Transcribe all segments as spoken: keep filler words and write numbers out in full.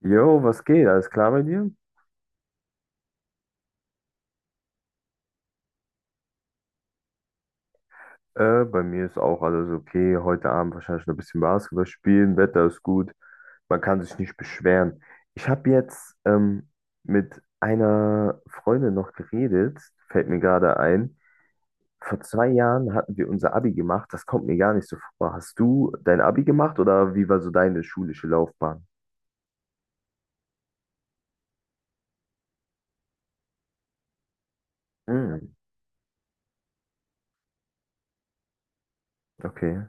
Jo, was geht? Alles klar bei dir? Äh, bei mir ist auch alles okay. Heute Abend wahrscheinlich noch ein bisschen Basketball spielen. Wetter ist gut. Man kann sich nicht beschweren. Ich habe jetzt ähm, mit einer Freundin noch geredet. Fällt mir gerade ein. Vor zwei Jahren hatten wir unser Abi gemacht. Das kommt mir gar nicht so vor. Hast du dein Abi gemacht oder wie war so deine schulische Laufbahn? Hm, okay.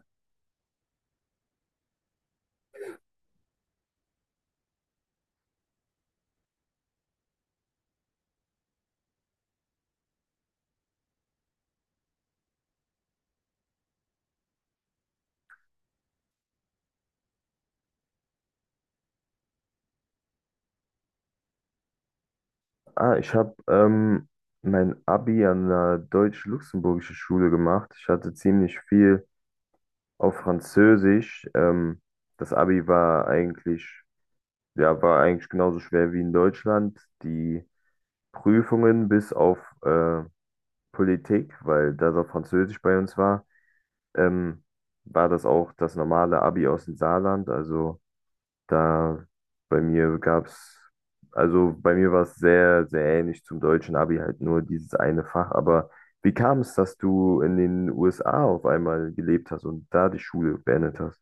Ah, ich habe ähm, mein Abi an einer deutsch-luxemburgischen Schule gemacht. Ich hatte ziemlich viel auf Französisch. Ähm, das Abi war eigentlich, ja, war eigentlich genauso schwer wie in Deutschland. Die Prüfungen, bis auf äh, Politik, weil das auf Französisch bei uns war, ähm, war das auch das normale Abi aus dem Saarland. Also da bei mir gab's, also bei mir war es sehr, sehr ähnlich zum deutschen Abi, halt nur dieses eine Fach. Aber wie kam es, dass du in den U S A auf einmal gelebt hast und da die Schule beendet hast?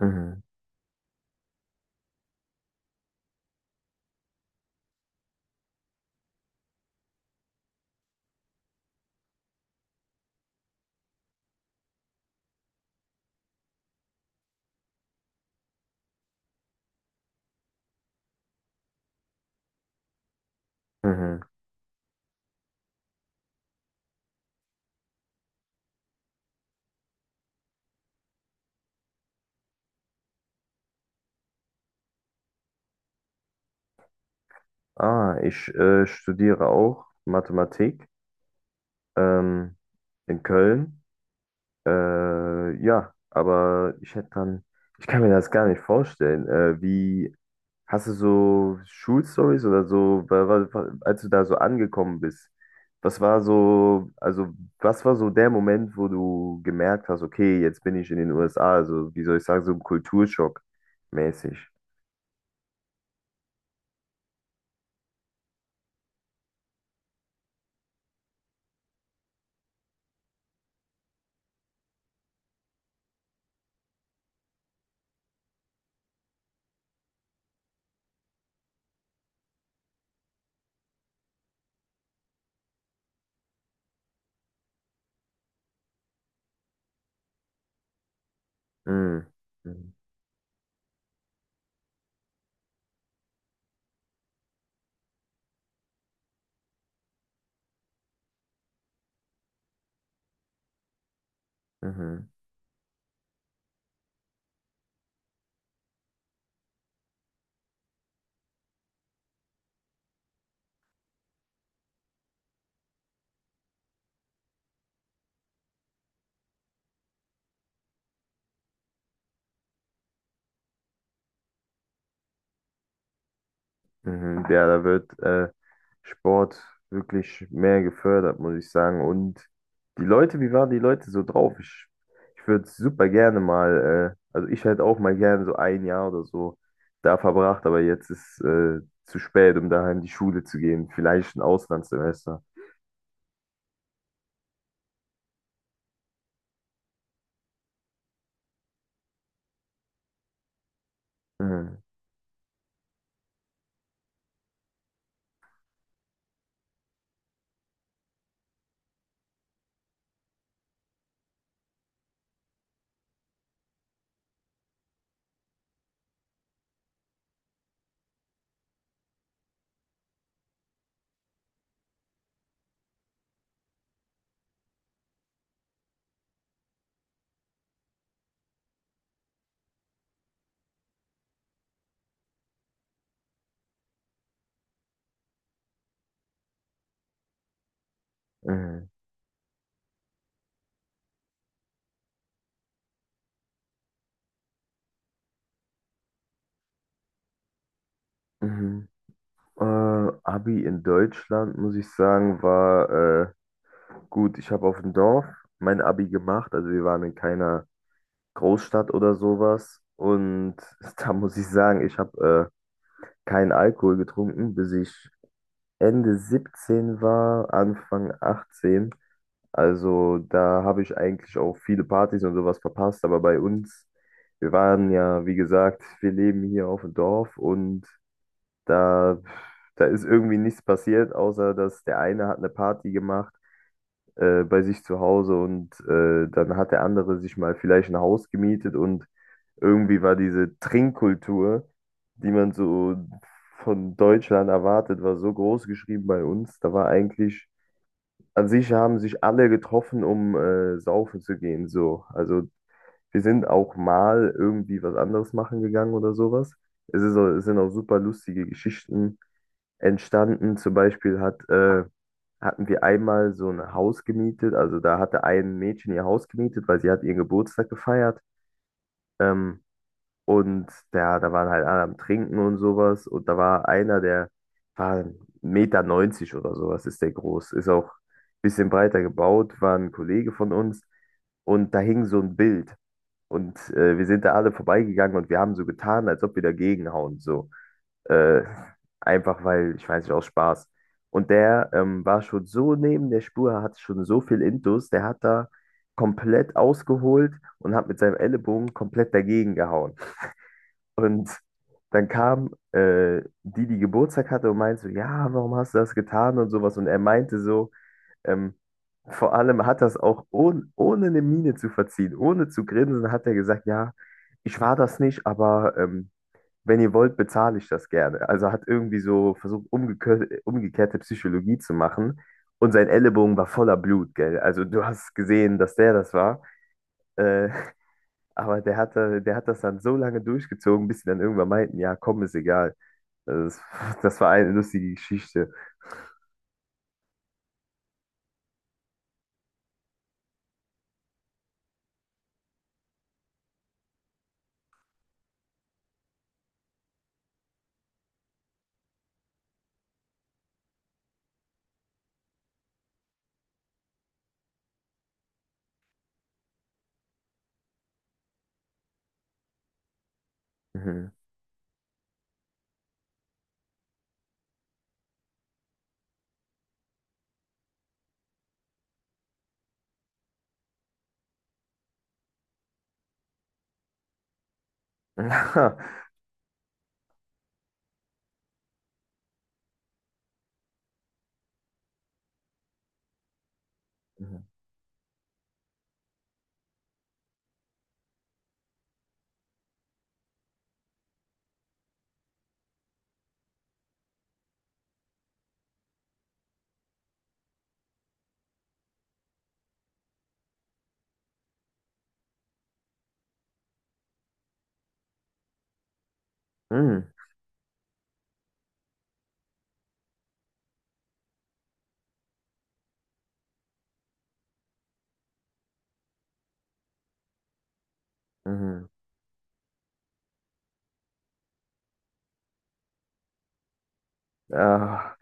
Mhm. Mhm. Ah, ich äh, studiere auch Mathematik ähm, in Köln. Äh, ja, aber ich hätte dann, ich kann mir das gar nicht vorstellen. Äh, wie, hast du so Schulstories oder so, wa- wa- wa- als du da so angekommen bist? Was war so, also was war so der Moment, wo du gemerkt hast, okay, jetzt bin ich in den U S A, also wie soll ich sagen, so ein Kulturschock mäßig? Mhm. Mhm. Mhm. Mhm, ja, da wird äh, Sport wirklich mehr gefördert, muss ich sagen. Und die Leute, wie waren die Leute so drauf? Ich, ich würde super gerne mal, äh, also ich hätte auch mal gerne so ein Jahr oder so da verbracht, aber jetzt ist äh, zu spät, um daheim in die Schule zu gehen. Vielleicht ein Auslandssemester. Mhm, mhm, mhm. Äh, Abi in Deutschland, muss ich sagen, war äh, gut. Ich habe auf dem Dorf mein Abi gemacht, also wir waren in keiner Großstadt oder sowas. Und da muss ich sagen, ich habe äh, keinen Alkohol getrunken, bis ich Ende siebzehn war, Anfang achtzehn. Also da habe ich eigentlich auch viele Partys und sowas verpasst. Aber bei uns, wir waren ja, wie gesagt, wir leben hier auf dem Dorf und da, da ist irgendwie nichts passiert, außer dass der eine hat eine Party gemacht äh, bei sich zu Hause und äh, dann hat der andere sich mal vielleicht ein Haus gemietet, und irgendwie war diese Trinkkultur, die man so von Deutschland erwartet, war so groß geschrieben bei uns. Da war eigentlich, an sich, haben sich alle getroffen, um äh, saufen zu gehen, so. Also wir sind auch mal irgendwie was anderes machen gegangen oder sowas. Es ist, auch- es sind auch super lustige Geschichten entstanden. Zum Beispiel hat, äh, hatten wir einmal so ein Haus gemietet. Also da hatte ein Mädchen ihr Haus gemietet, weil sie hat ihren Geburtstag gefeiert. Ähm, und da, da waren halt alle am Trinken und sowas. Und da war einer, der war ein Meter neunzig Meter neunzig oder sowas, ist der groß. Ist auch ein bisschen breiter gebaut, war ein Kollege von uns. Und da hing so ein Bild. Und äh, wir sind da alle vorbeigegangen und wir haben so getan, als ob wir dagegen hauen. So. Äh, einfach weil, ich weiß nicht, aus Spaß. Und der ähm, war schon so neben der Spur, hat schon so viel intus, der hat da komplett ausgeholt und hat mit seinem Ellenbogen komplett dagegen gehauen. Und dann kam äh, die, die Geburtstag hatte, und meinte so, ja, warum hast du das getan und sowas. Und er meinte so, ähm, vor allem hat das auch, ohne, ohne eine Miene zu verziehen, ohne zu grinsen, hat er gesagt, ja, ich war das nicht, aber ähm, wenn ihr wollt, bezahle ich das gerne. Also hat irgendwie so versucht, umgekö- umgekehrte Psychologie zu machen. Und sein Ellenbogen war voller Blut, gell? Also du hast gesehen, dass der das war. Äh, aber der hat, da- der hat das dann so lange durchgezogen, bis sie dann irgendwann meinten, ja, komm, ist egal. Also Das, das war eine lustige Geschichte. Mhm. Mhm. Mhm. Mhm. Ah.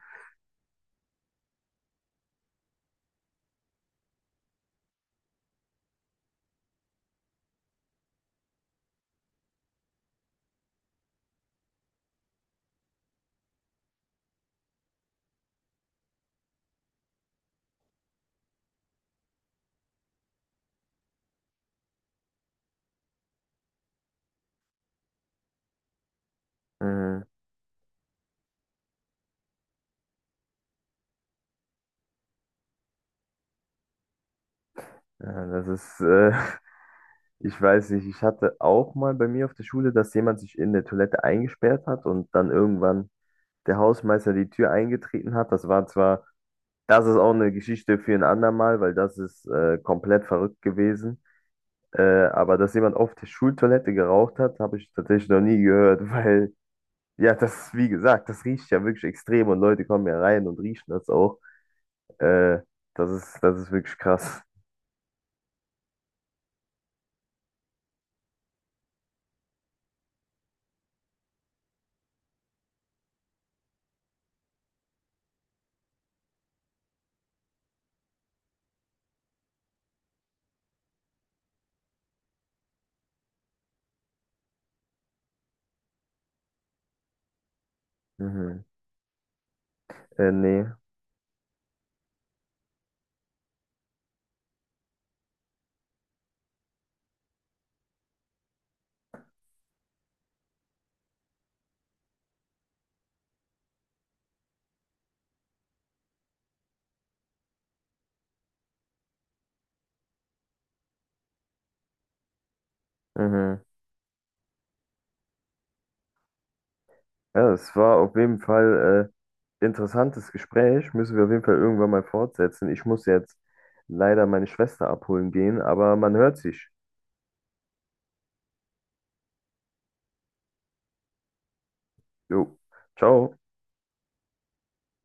Mhm. Ja, das ist, äh, ich weiß nicht, ich hatte auch mal bei mir auf der Schule, dass jemand sich in der Toilette eingesperrt hat und dann irgendwann der Hausmeister die Tür eingetreten hat. Das war zwar, das ist auch eine Geschichte für ein andermal, weil das ist äh, komplett verrückt gewesen. Äh, aber dass jemand auf der Schultoilette geraucht hat, habe ich tatsächlich noch nie gehört, weil, ja, das, wie gesagt, das riecht ja wirklich extrem und Leute kommen ja rein und riechen das auch. Äh, das ist, das ist wirklich krass. Mhm. Äh, nee. Mhm. Ja, es war auf jeden Fall äh, interessantes Gespräch. Müssen wir auf jeden Fall irgendwann mal fortsetzen. Ich muss jetzt leider meine Schwester abholen gehen, aber man hört sich. Jo, ciao.